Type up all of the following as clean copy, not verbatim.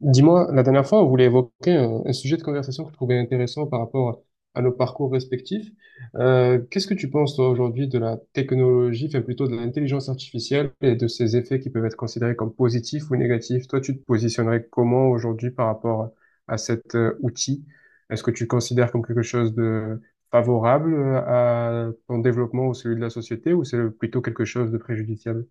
Dis-moi, la dernière fois, on voulait évoquer un sujet de conversation que je trouvais intéressant par rapport à nos parcours respectifs. Qu'est-ce que tu penses, toi, aujourd'hui, de la technologie, enfin plutôt de l'intelligence artificielle et de ses effets qui peuvent être considérés comme positifs ou négatifs? Toi, tu te positionnerais comment aujourd'hui par rapport à cet outil? Est-ce que tu le considères comme quelque chose de favorable à ton développement ou celui de la société, ou c'est plutôt quelque chose de préjudiciable?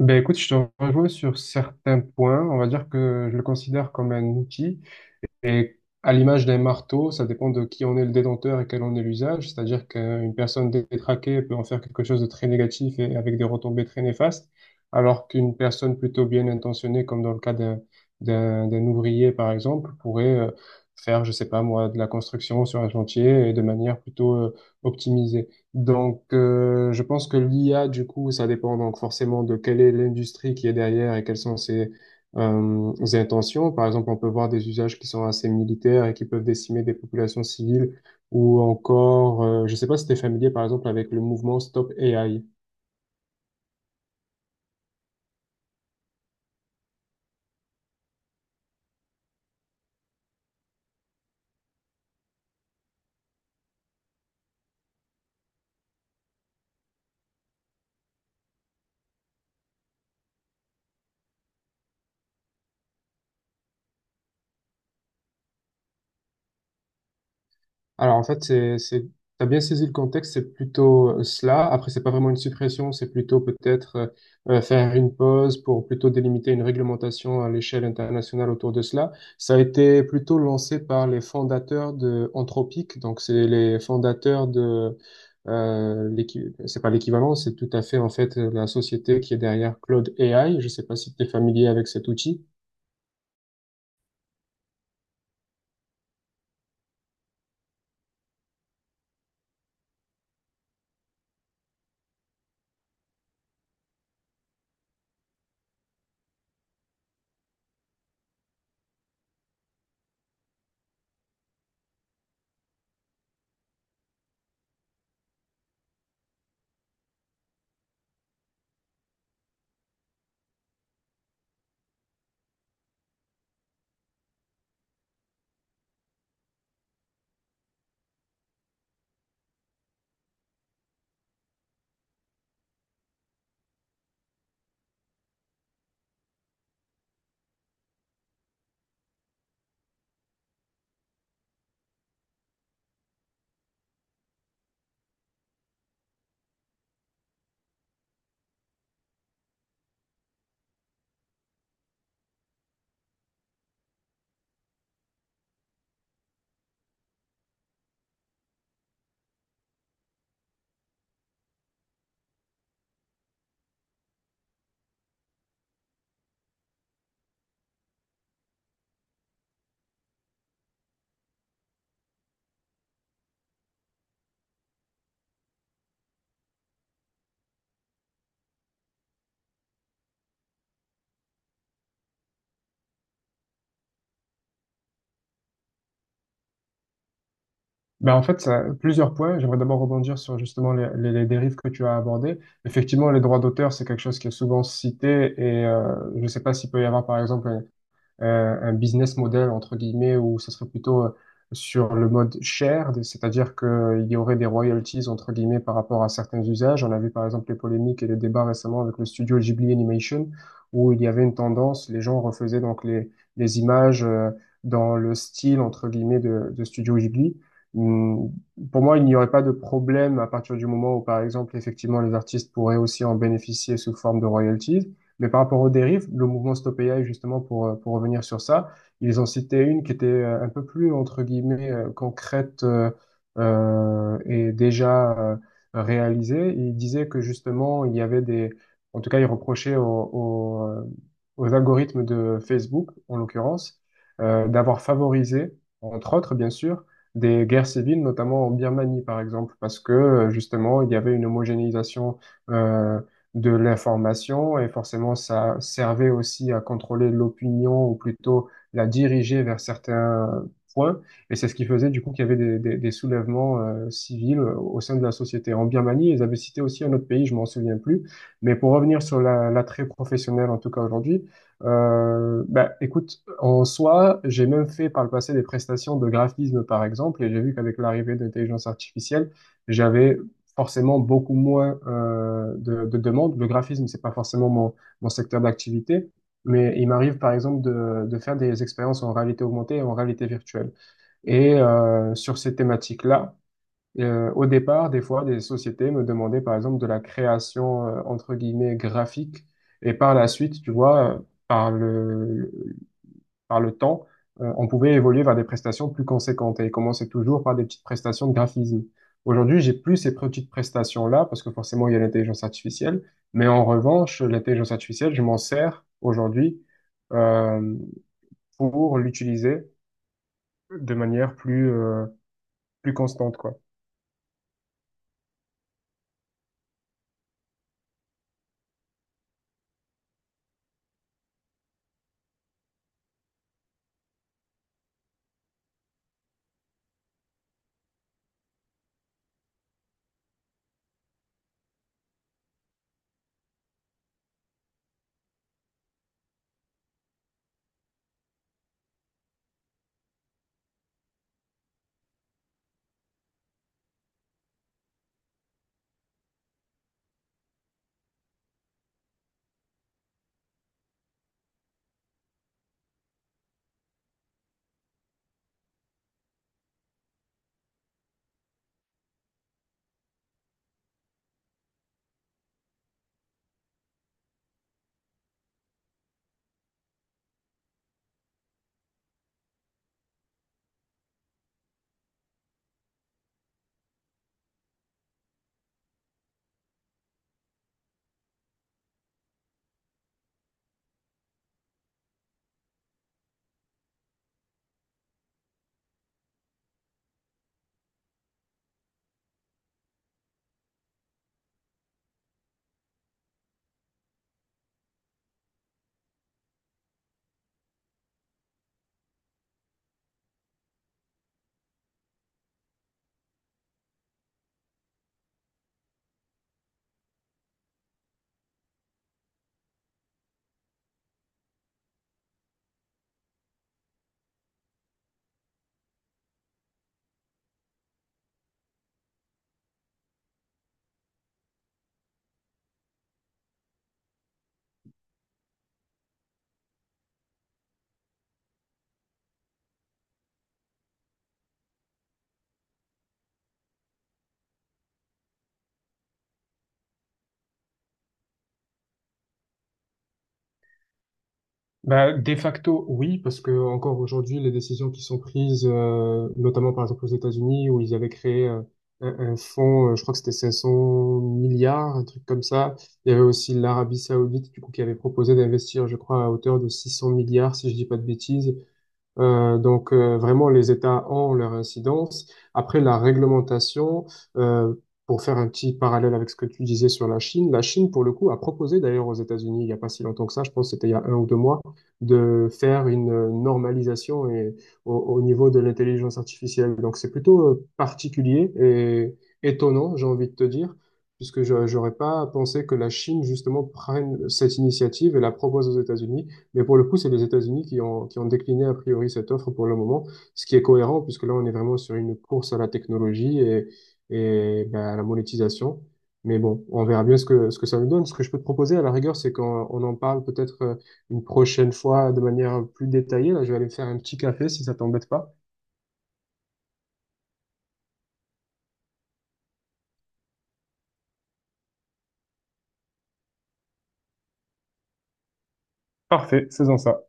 Ben écoute, je te rejoins sur certains points. On va dire que je le considère comme un outil, et à l'image d'un marteau, ça dépend de qui en est le détenteur et quel en est l'usage. C'est-à-dire qu'une personne détraquée peut en faire quelque chose de très négatif et avec des retombées très néfastes, alors qu'une personne plutôt bien intentionnée, comme dans le cas d'un ouvrier, par exemple, pourrait faire, je sais pas moi, de la construction sur un chantier et de manière plutôt optimisée. Donc, je pense que l'IA, du coup, ça dépend donc forcément de quelle est l'industrie qui est derrière et quelles sont ses intentions. Par exemple, on peut voir des usages qui sont assez militaires et qui peuvent décimer des populations civiles ou encore, je sais pas si tu es familier par exemple avec le mouvement Stop AI. Alors en fait, t'as bien saisi le contexte, c'est plutôt cela. Après, c'est pas vraiment une suppression, c'est plutôt peut-être faire une pause pour plutôt délimiter une réglementation à l'échelle internationale autour de cela. Ça a été plutôt lancé par les fondateurs de Anthropic, donc c'est les fondateurs de c'est pas l'équivalent, c'est tout à fait en fait la société qui est derrière Claude AI. Je sais pas si tu es familier avec cet outil. Ben en fait, ça- plusieurs points. J'aimerais d'abord rebondir sur justement les dérives que tu as abordées. Effectivement, les droits d'auteur, c'est quelque chose qui est souvent cité et je ne sais pas s'il peut y avoir, par exemple, un business model, entre guillemets, où ce serait plutôt sur le mode shared, c'est-à-dire qu'il y aurait des royalties, entre guillemets, par rapport à certains usages. On a vu par exemple les polémiques et les débats récemment avec le studio Ghibli Animation, où il y avait une tendance, les gens refaisaient donc les images dans le style, entre guillemets, de studio Ghibli. Hmm. Pour moi, il n'y aurait pas de problème à partir du moment où, par exemple, effectivement, les artistes pourraient aussi en bénéficier sous forme de royalties. Mais par rapport aux dérives, le mouvement Stop AI, justement, pour revenir sur ça, ils ont cité une qui était un peu plus, entre guillemets, concrète et déjà réalisée. Ils disaient que, justement, il y avait des… En tout cas, ils reprochaient aux, euh, aux algorithmes de Facebook, en l'occurrence, d'avoir favorisé, entre autres, bien sûr, des guerres civiles, notamment en Birmanie, par exemple, parce que, justement, il y avait une homogénéisation euh, de l'information et forcément ça servait aussi à contrôler l'opinion ou plutôt la diriger vers certains points. Et c'est ce qui faisait du coup qu'il y avait des soulèvements civils au sein de la société. En Birmanie, ils avaient cité aussi un autre pays, je m'en souviens plus. Mais pour revenir sur la- l'attrait professionnel, en tout cas aujourd'hui, bah, écoute, en soi, j'ai même fait par le passé des prestations de graphisme, par exemple, et j'ai vu qu'avec l'arrivée de l'intelligence artificielle, j'avais forcément beaucoup moins de demandes. Le graphisme, c'est pas forcément mon secteur d'activité, mais il m'arrive par exemple de faire des expériences en réalité augmentée et en réalité virtuelle. Et sur ces thématiques-là, au départ, des fois, des sociétés me demandaient par exemple de la création entre guillemets graphique, et par la suite, tu vois, par le par le temps, on pouvait évoluer vers des prestations plus conséquentes et commencer toujours par des petites prestations de graphisme. Aujourd'hui, j'ai plus ces petites prestations-là parce que forcément, il y a l'intelligence artificielle. Mais en revanche, l'intelligence artificielle, je m'en sers aujourd'hui euh, pour l'utiliser de manière plus constante, quoi. Bah, de facto, oui, parce que encore aujourd'hui, les décisions qui sont prises, notamment par exemple aux États-Unis, où ils avaient créé un fonds, je crois que c'était 500 milliards, un truc comme ça. Il y avait aussi l'Arabie Saoudite, du coup, qui avait proposé d'investir, je crois, à hauteur de 600 milliards, si je dis pas de bêtises. Vraiment, les États ont leur incidence. Après, la réglementation, euh, pour faire un petit parallèle avec ce que tu disais sur la Chine, pour le coup, a proposé d'ailleurs aux États-Unis, il n'y a pas si longtemps que ça, je pense que c'était il y a un ou deux mois, de faire une normalisation et, au niveau de l'intelligence artificielle. Donc c'est plutôt particulier et étonnant, j'ai envie de te dire, puisque je n'aurais pas pensé que la Chine, justement, prenne cette initiative et la propose aux États-Unis. Mais pour le coup, c'est les États-Unis qui ont décliné a priori cette offre pour le moment, ce qui est cohérent puisque là, on est vraiment sur une course à la technologie et ben, à la monétisation. Mais bon, on verra bien ce que ça nous donne. Ce que je peux te proposer à la rigueur, c'est qu'on on en parle peut-être une prochaine fois de manière plus détaillée. Là, je vais aller me faire un petit café si ça t'embête pas. Parfait, faisons ça.